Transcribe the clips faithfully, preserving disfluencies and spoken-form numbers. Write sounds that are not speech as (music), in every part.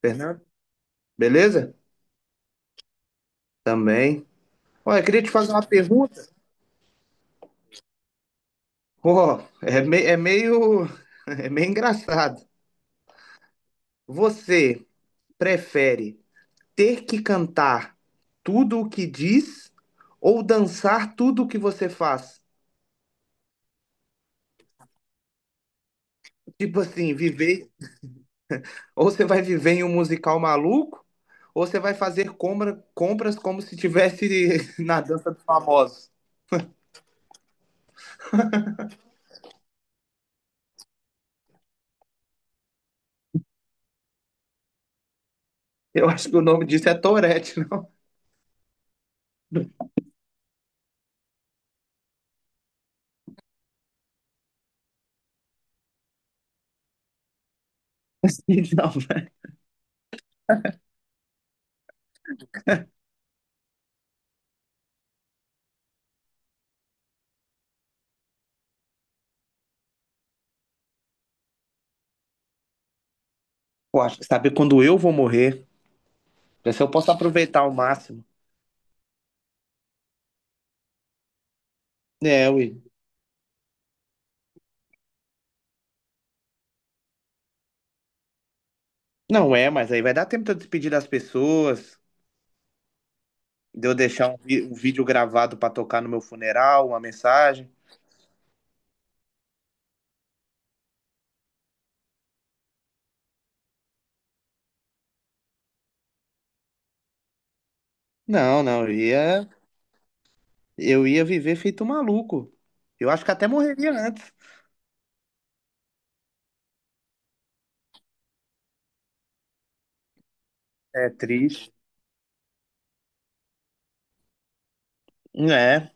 Fernando, beleza? Também. Olha, eu queria te fazer uma pergunta. Ó, é, me- é meio, (laughs) é meio engraçado. Você prefere ter que cantar tudo o que diz ou dançar tudo o que você faz? Tipo assim, viver, ou você vai viver em um musical maluco, ou você vai fazer compra- compras como se tivesse (laughs) na dança dos famosos. Eu acho que o nome disso é Tourette, não? (laughs) Não, velho. Eu acho- Sabe quando eu vou morrer? Pra ver se eu posso aproveitar ao máximo. É, Will. Não é, mas aí vai dar tempo de eu despedir das pessoas, de eu deixar um, vi- um vídeo gravado pra tocar no meu funeral, uma mensagem. Não, não, eu ia, eu ia viver feito um maluco. Eu acho que até morreria antes. É triste. É.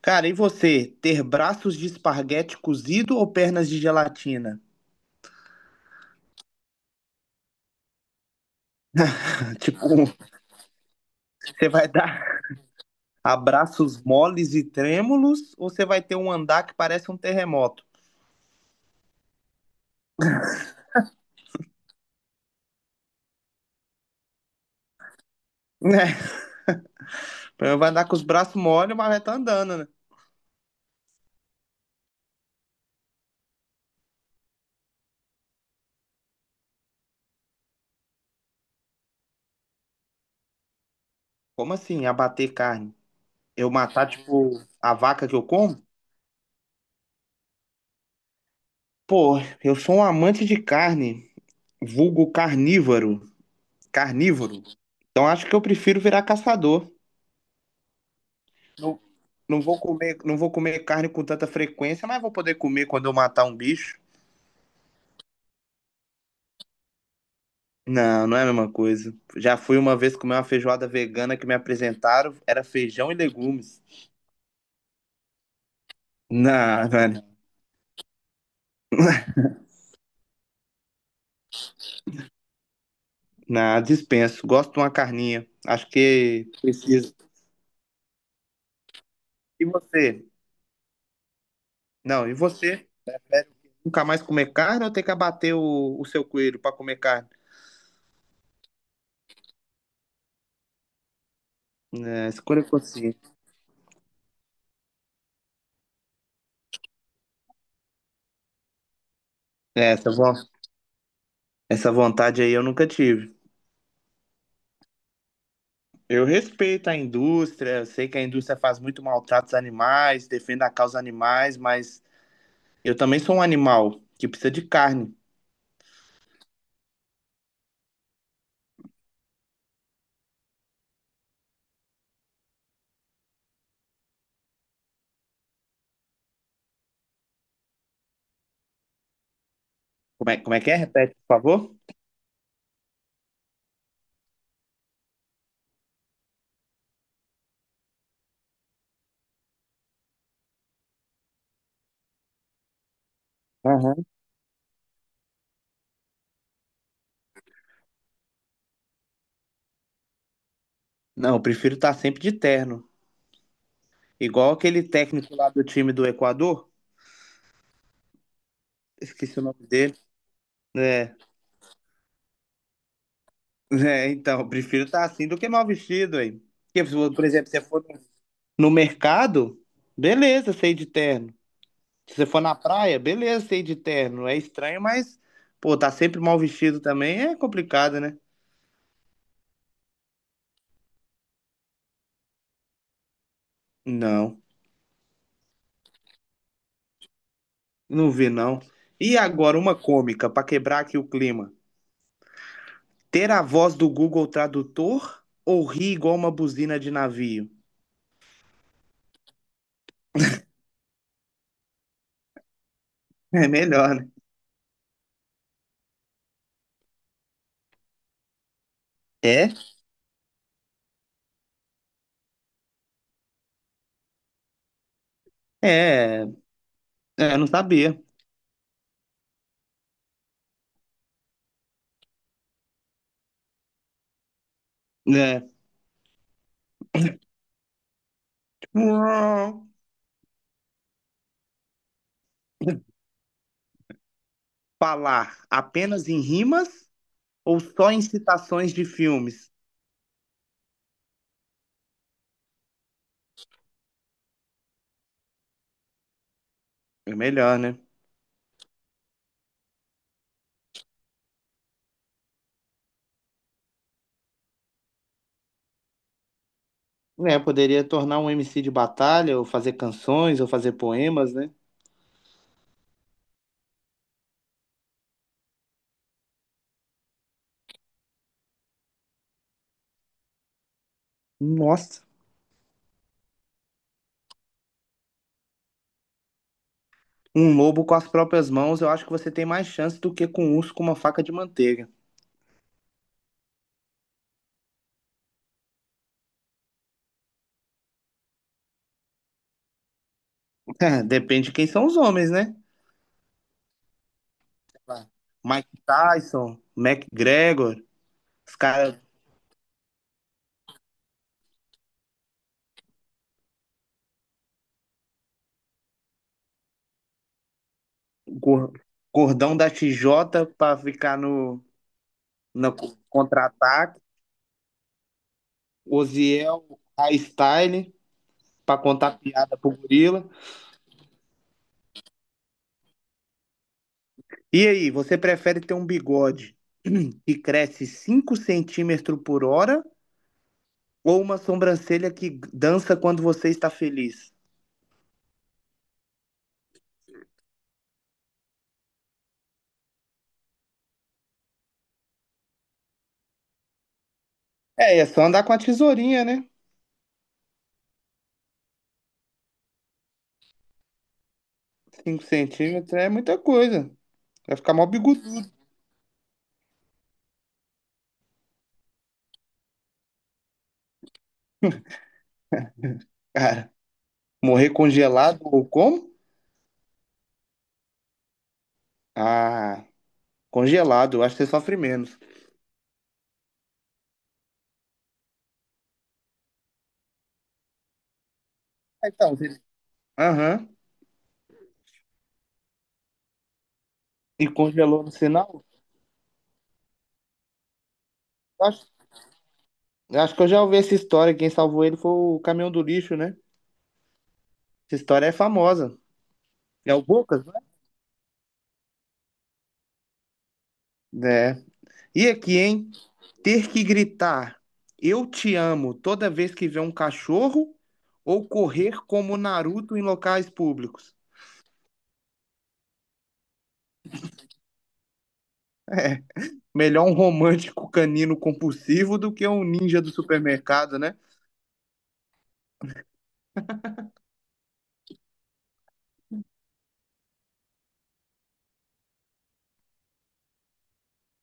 Cara, e você, ter braços de esparguete cozido ou pernas de gelatina? (laughs) Tipo, você vai dar abraços moles e trêmulos ou você vai ter um andar que parece um terremoto? (laughs) Eu vai andar com os braços mole, mas vai tá andando, né? Como assim, abater carne? Eu matar, tipo, a vaca que eu como? Pô, eu sou um amante de carne, vulgo carnívoro, carnívoro. Então acho que eu prefiro virar caçador. Não, não vou comer, não vou comer carne com tanta frequência, mas vou poder comer quando eu matar um bicho. Não, não é a mesma coisa. Já fui uma vez comer uma feijoada vegana que me apresentaram, era feijão e legumes. Não, velho. Na dispenso. Gosto de uma carninha. Acho que precisa. E você? Não, e você? Nunca mais comer carne ou tem que abater o, o seu coelho para comer carne? É, escolha consciente. É, essa, von- essa vontade aí eu nunca tive. Eu respeito a indústria, eu sei que a indústria faz muito maltrato aos animais, defende a causa animais, mas eu também sou um animal que precisa de carne. Como é, como é que é? Repete, por favor. Aham. Não, eu prefiro estar sempre de terno. Igual aquele técnico lá do time do Equador. Esqueci o nome dele. É, é, então, eu prefiro estar assim do que mal vestido, hein? Porque, se você- por exemplo, se você for no mercado, beleza, sei de terno. Se você for na praia, beleza, sei de terno. É estranho, mas, pô, tá sempre mal vestido também é complicado, né? Não, não vi, não. E agora, uma cômica, pra quebrar aqui o clima. Ter a voz do Google Tradutor ou rir igual uma buzina de navio? É melhor, né? É? É, é, eu não sabia. Né? (coughs) Hum, Falar apenas em rimas ou só em citações de filmes? É melhor, né? Né, poderia tornar um M C de batalha, ou fazer canções, ou fazer poemas, né? Nossa. Um lobo com as próprias mãos, eu acho que você tem mais chance do que com um urso com uma faca de manteiga. (laughs) É, depende de quem são os homens, né? Claro. Mike Tyson, McGregor, os caras gor- gordão da T J pra ficar no, no contra ataque Oziel Style pra contar piada pro gorila. E aí, você prefere ter um bigode (clears throat) que cresce cinco centímetros por hora ou uma sobrancelha que dança quando você está feliz? É, é só andar com a tesourinha, né? Cinco centímetros é muita coisa. Vai ficar mal bigodudo, cara. Morrer congelado ou como? Ah, congelado. Eu acho que você sofre menos. Ah, então, você- aham. E congelou no sinal? Eu acho Eu Acho que eu já ouvi essa história. Quem salvou ele foi o caminhão do lixo, né? Essa história é famosa. É o Bocas, né? É. E aqui, hein? Ter que gritar "Eu te amo" toda vez que vê um cachorro ou correr como Naruto em locais públicos? Melhor um romântico canino compulsivo do que um ninja do supermercado, né?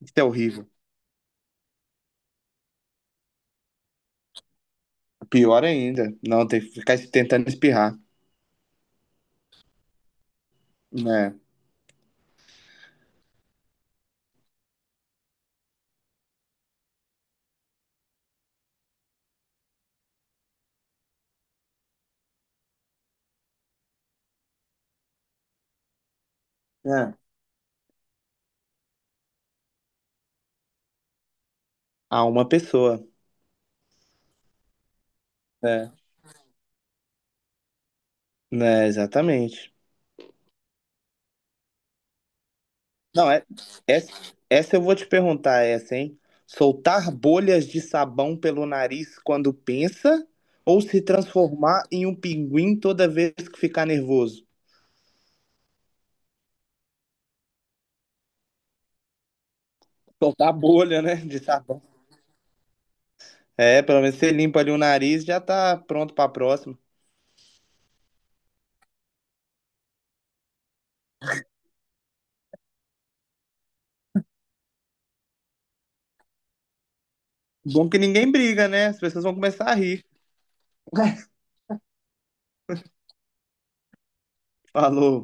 Isso é horrível. Pior ainda. Não, tem que ficar tentando espirrar. Né? É. A uma pessoa. É. Né, exatamente. Não, é, essa, essa eu vou te perguntar, essa, hein? Soltar bolhas de sabão pelo nariz quando pensa ou se transformar em um pinguim toda vez que ficar nervoso? Soltar bolha, né, de sabão. É, pelo menos você limpa ali o nariz, e já tá pronto pra próxima. Bom que ninguém briga, né? As pessoas vão começar a rir. (laughs) Falou.